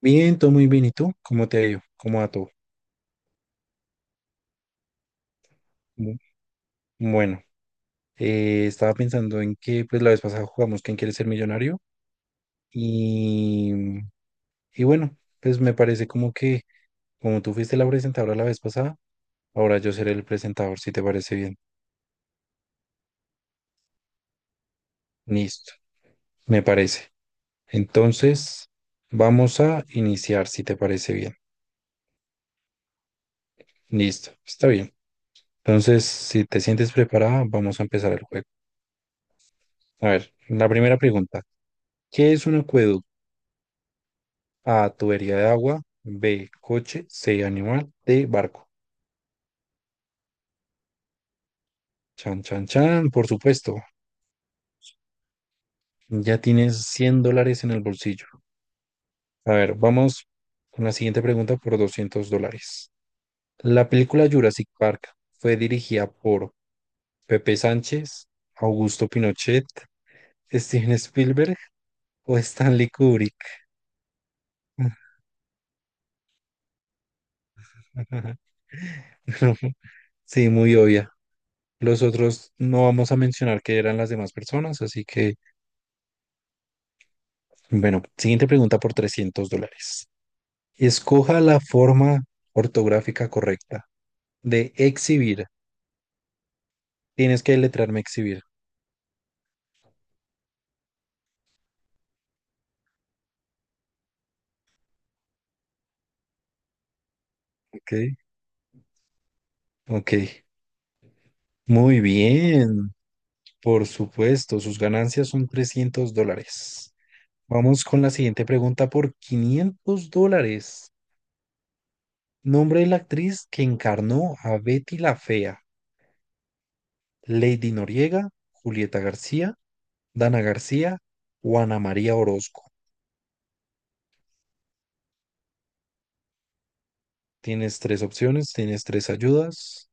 Bien, todo muy bien. ¿Y tú? ¿Cómo te ha ido? ¿Cómo va todo? Bu- Bueno, estaba pensando en que pues la vez pasada jugamos ¿Quién quiere ser millonario? Y, y bueno, pues me parece como que como tú fuiste la presentadora la vez pasada, ahora yo seré el presentador, si te parece bien. Listo, me parece. Entonces, vamos a iniciar, si te parece bien. Listo, está bien. Entonces, si te sientes preparada, vamos a empezar el juego. A ver, la primera pregunta. ¿Qué es un acueducto? A, tubería de agua. B, coche. C, animal. D, barco. Chan, chan, chan, por supuesto. Ya tienes $100 en el bolsillo. A ver, vamos con la siguiente pregunta por $200. La película Jurassic Park fue dirigida por Pepe Sánchez, Augusto Pinochet, Steven Spielberg o Stanley Kubrick. No, sí, muy obvia. Los otros no vamos a mencionar que eran las demás personas, así que bueno, siguiente pregunta por $300. Escoja la forma ortográfica correcta de exhibir. Tienes que letrarme exhibir. Ok, ok. Muy bien. Por supuesto, sus ganancias son $300. Vamos con la siguiente pregunta por $500. Nombre de la actriz que encarnó a Betty la Fea. Lady Noriega, Julieta García, Dana García o Ana María Orozco. Tienes tres opciones, tienes tres ayudas.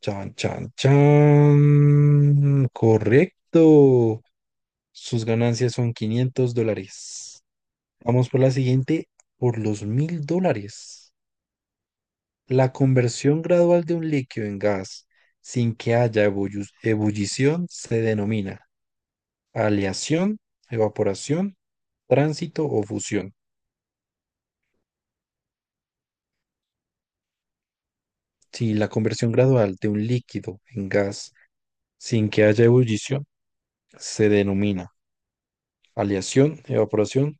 Chan, chan, chan. Correcto. Sus ganancias son $500. Vamos por la siguiente, por los $1,000. La conversión gradual de un líquido en gas sin que haya ebullición se denomina aleación, evaporación, tránsito o fusión. Si la conversión gradual de un líquido en gas sin que haya ebullición se denomina aleación, evaporación,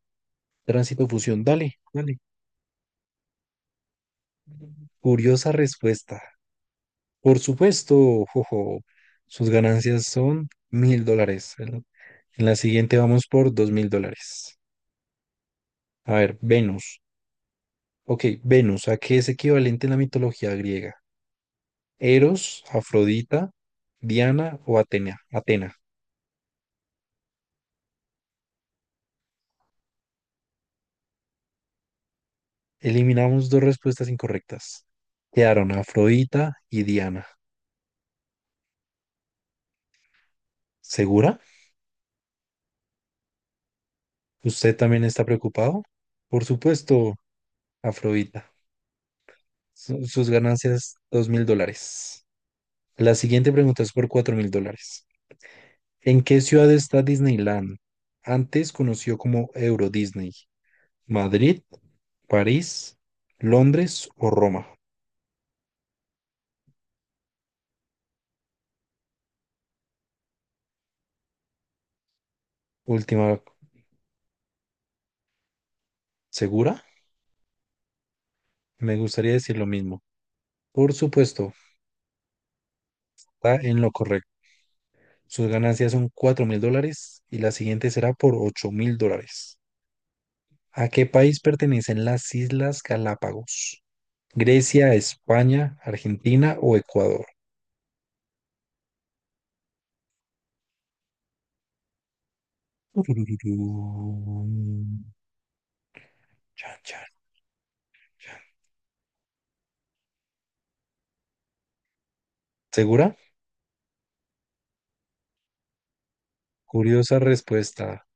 tránsito, fusión. Dale, dale. Curiosa respuesta. Por supuesto, jojo. Sus ganancias son $1,000. En la siguiente vamos por $2,000. A ver, Venus. Ok, Venus, ¿a qué es equivalente en la mitología griega? Eros, Afrodita, Diana o Atena. Atena. Eliminamos dos respuestas incorrectas. Quedaron Afrodita y Diana. ¿Segura? ¿Usted también está preocupado? Por supuesto, Afrodita. Sus ganancias, $2,000. La siguiente pregunta es por $4,000. ¿En qué ciudad está Disneyland? Antes conocido como Euro Disney. ¿Madrid, París, Londres o Roma? Última, ¿segura? Me gustaría decir lo mismo. Por supuesto, está en lo correcto. Sus ganancias son $4,000 y la siguiente será por $8,000. ¿A qué país pertenecen las Islas Galápagos? Grecia, España, Argentina o Ecuador. Turururú. Chan, chan, chan. ¿Segura? Curiosa respuesta.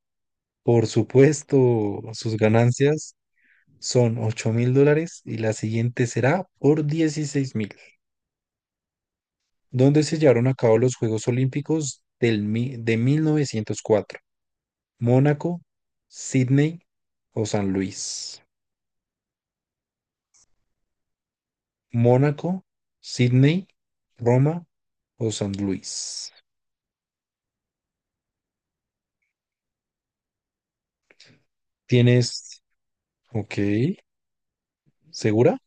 Por supuesto, sus ganancias son $8,000 y la siguiente será por 16,000. ¿Dónde se llevaron a cabo los Juegos Olímpicos del, de 1904? Mónaco, Sydney o San Luis. Mónaco, Sydney, Roma o San Luis. Tienes, ok, ¿segura?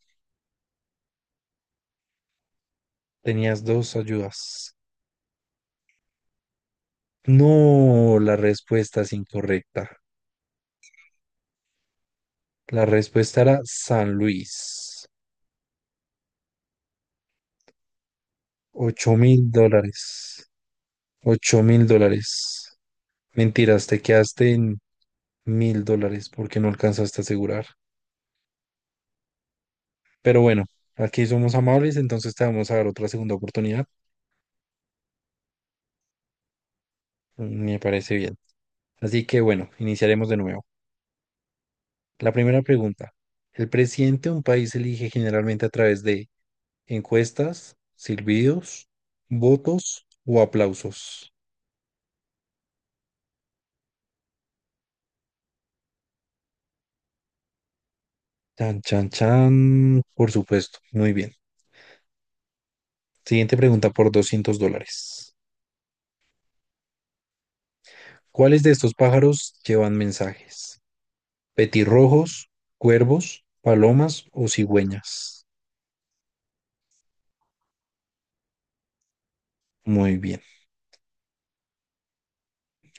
Tenías dos ayudas. No, la respuesta es incorrecta. La respuesta era San Luis. Ocho mil dólares. $8,000. Mentiras, te quedaste en $1,000 porque no alcanzaste a asegurar. Pero bueno, aquí somos amables, entonces te vamos a dar otra segunda oportunidad. Me parece bien. Así que bueno, iniciaremos de nuevo. La primera pregunta. El presidente de un país se elige generalmente a través de encuestas, silbidos, votos o aplausos. Chan, chan, chan. Por supuesto. Muy bien. Siguiente pregunta por 200 dólares. ¿Cuáles de estos pájaros llevan mensajes? ¿Petirrojos, cuervos, palomas o cigüeñas? Muy bien.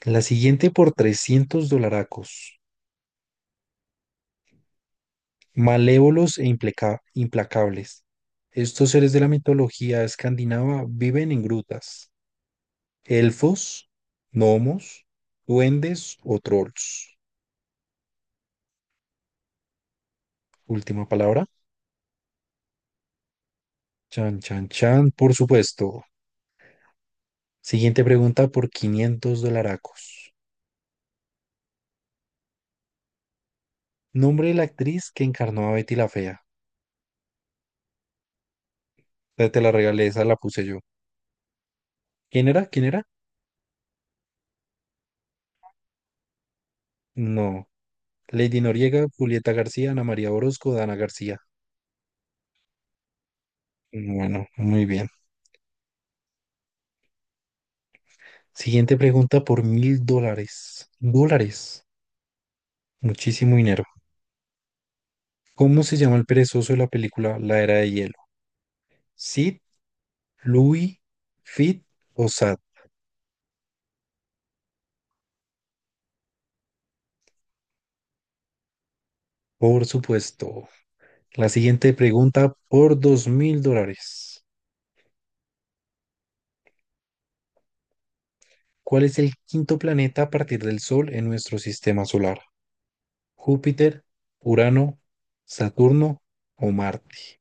La siguiente por 300 dolaracos. Malévolos e implacables. Estos seres de la mitología escandinava viven en grutas. Elfos, gnomos, duendes o trolls. Última palabra. Chan, chan, chan, por supuesto. Siguiente pregunta por 500 dolaracos. Nombre de la actriz que encarnó a Betty la Fea. Te la regalé, esa la puse yo. ¿Quién era? ¿Quién era? No. Lady Noriega, Julieta García, Ana María Orozco, Dana García. Bueno, muy bien. Siguiente pregunta por $1,000. Dólares. Muchísimo dinero. ¿Cómo se llama el perezoso de la película La Era de Hielo? Sid, Louis, Fit o Sad, por supuesto. La siguiente pregunta por $2,000. ¿Cuál es el quinto planeta a partir del Sol en nuestro sistema solar? ¿Júpiter, Urano, Saturno o Marte?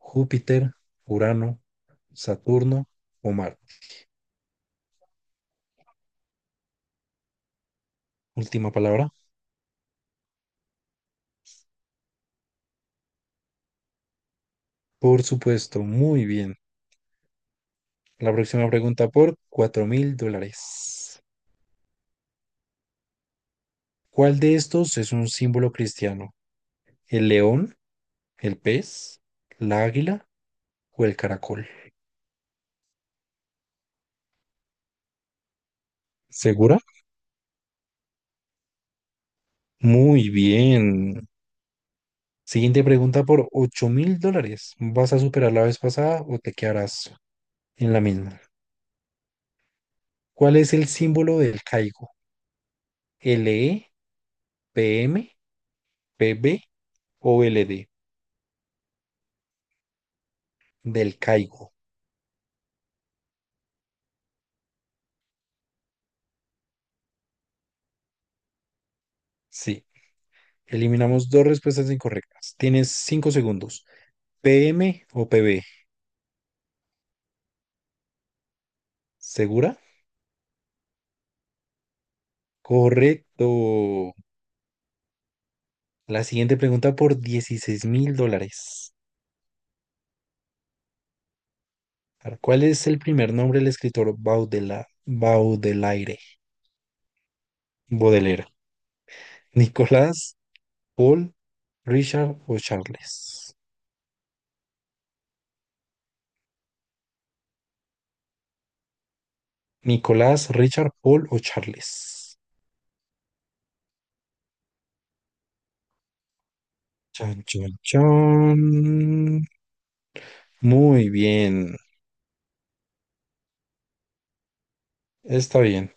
Júpiter, Urano, Saturno o Marte. Última palabra. Por supuesto, muy bien. La próxima pregunta por $4,000. ¿Cuál de estos es un símbolo cristiano? ¿El león? ¿El pez, la águila o el caracol? ¿Segura? Muy bien. Siguiente pregunta por $8,000. ¿Vas a superar la vez pasada o te quedarás en la misma? ¿Cuál es el símbolo del caigo? L E P M P B o L D. Del caigo. Sí. Eliminamos dos respuestas incorrectas. Tienes 5 segundos. P M o P B. ¿Segura? Correcto. La siguiente pregunta por $16,000. A ver, ¿cuál es el primer nombre del escritor Baudela, Baudelaire? Baudelaire. Nicolás, Paul, Richard o Charles. Nicolás, Richard, Paul o Charles. Chan, chan, chan. Muy bien. Está bien.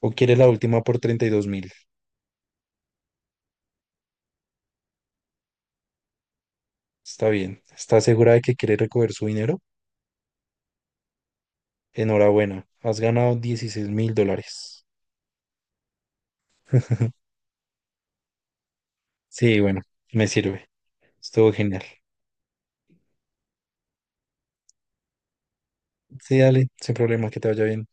¿O quiere la última por 32,000? Está bien. ¿Está segura de que quiere recoger su dinero? Enhorabuena. Has ganado $16,000. Sí, bueno, me sirve. Estuvo genial. Sí, dale, sin problema, que te vaya bien.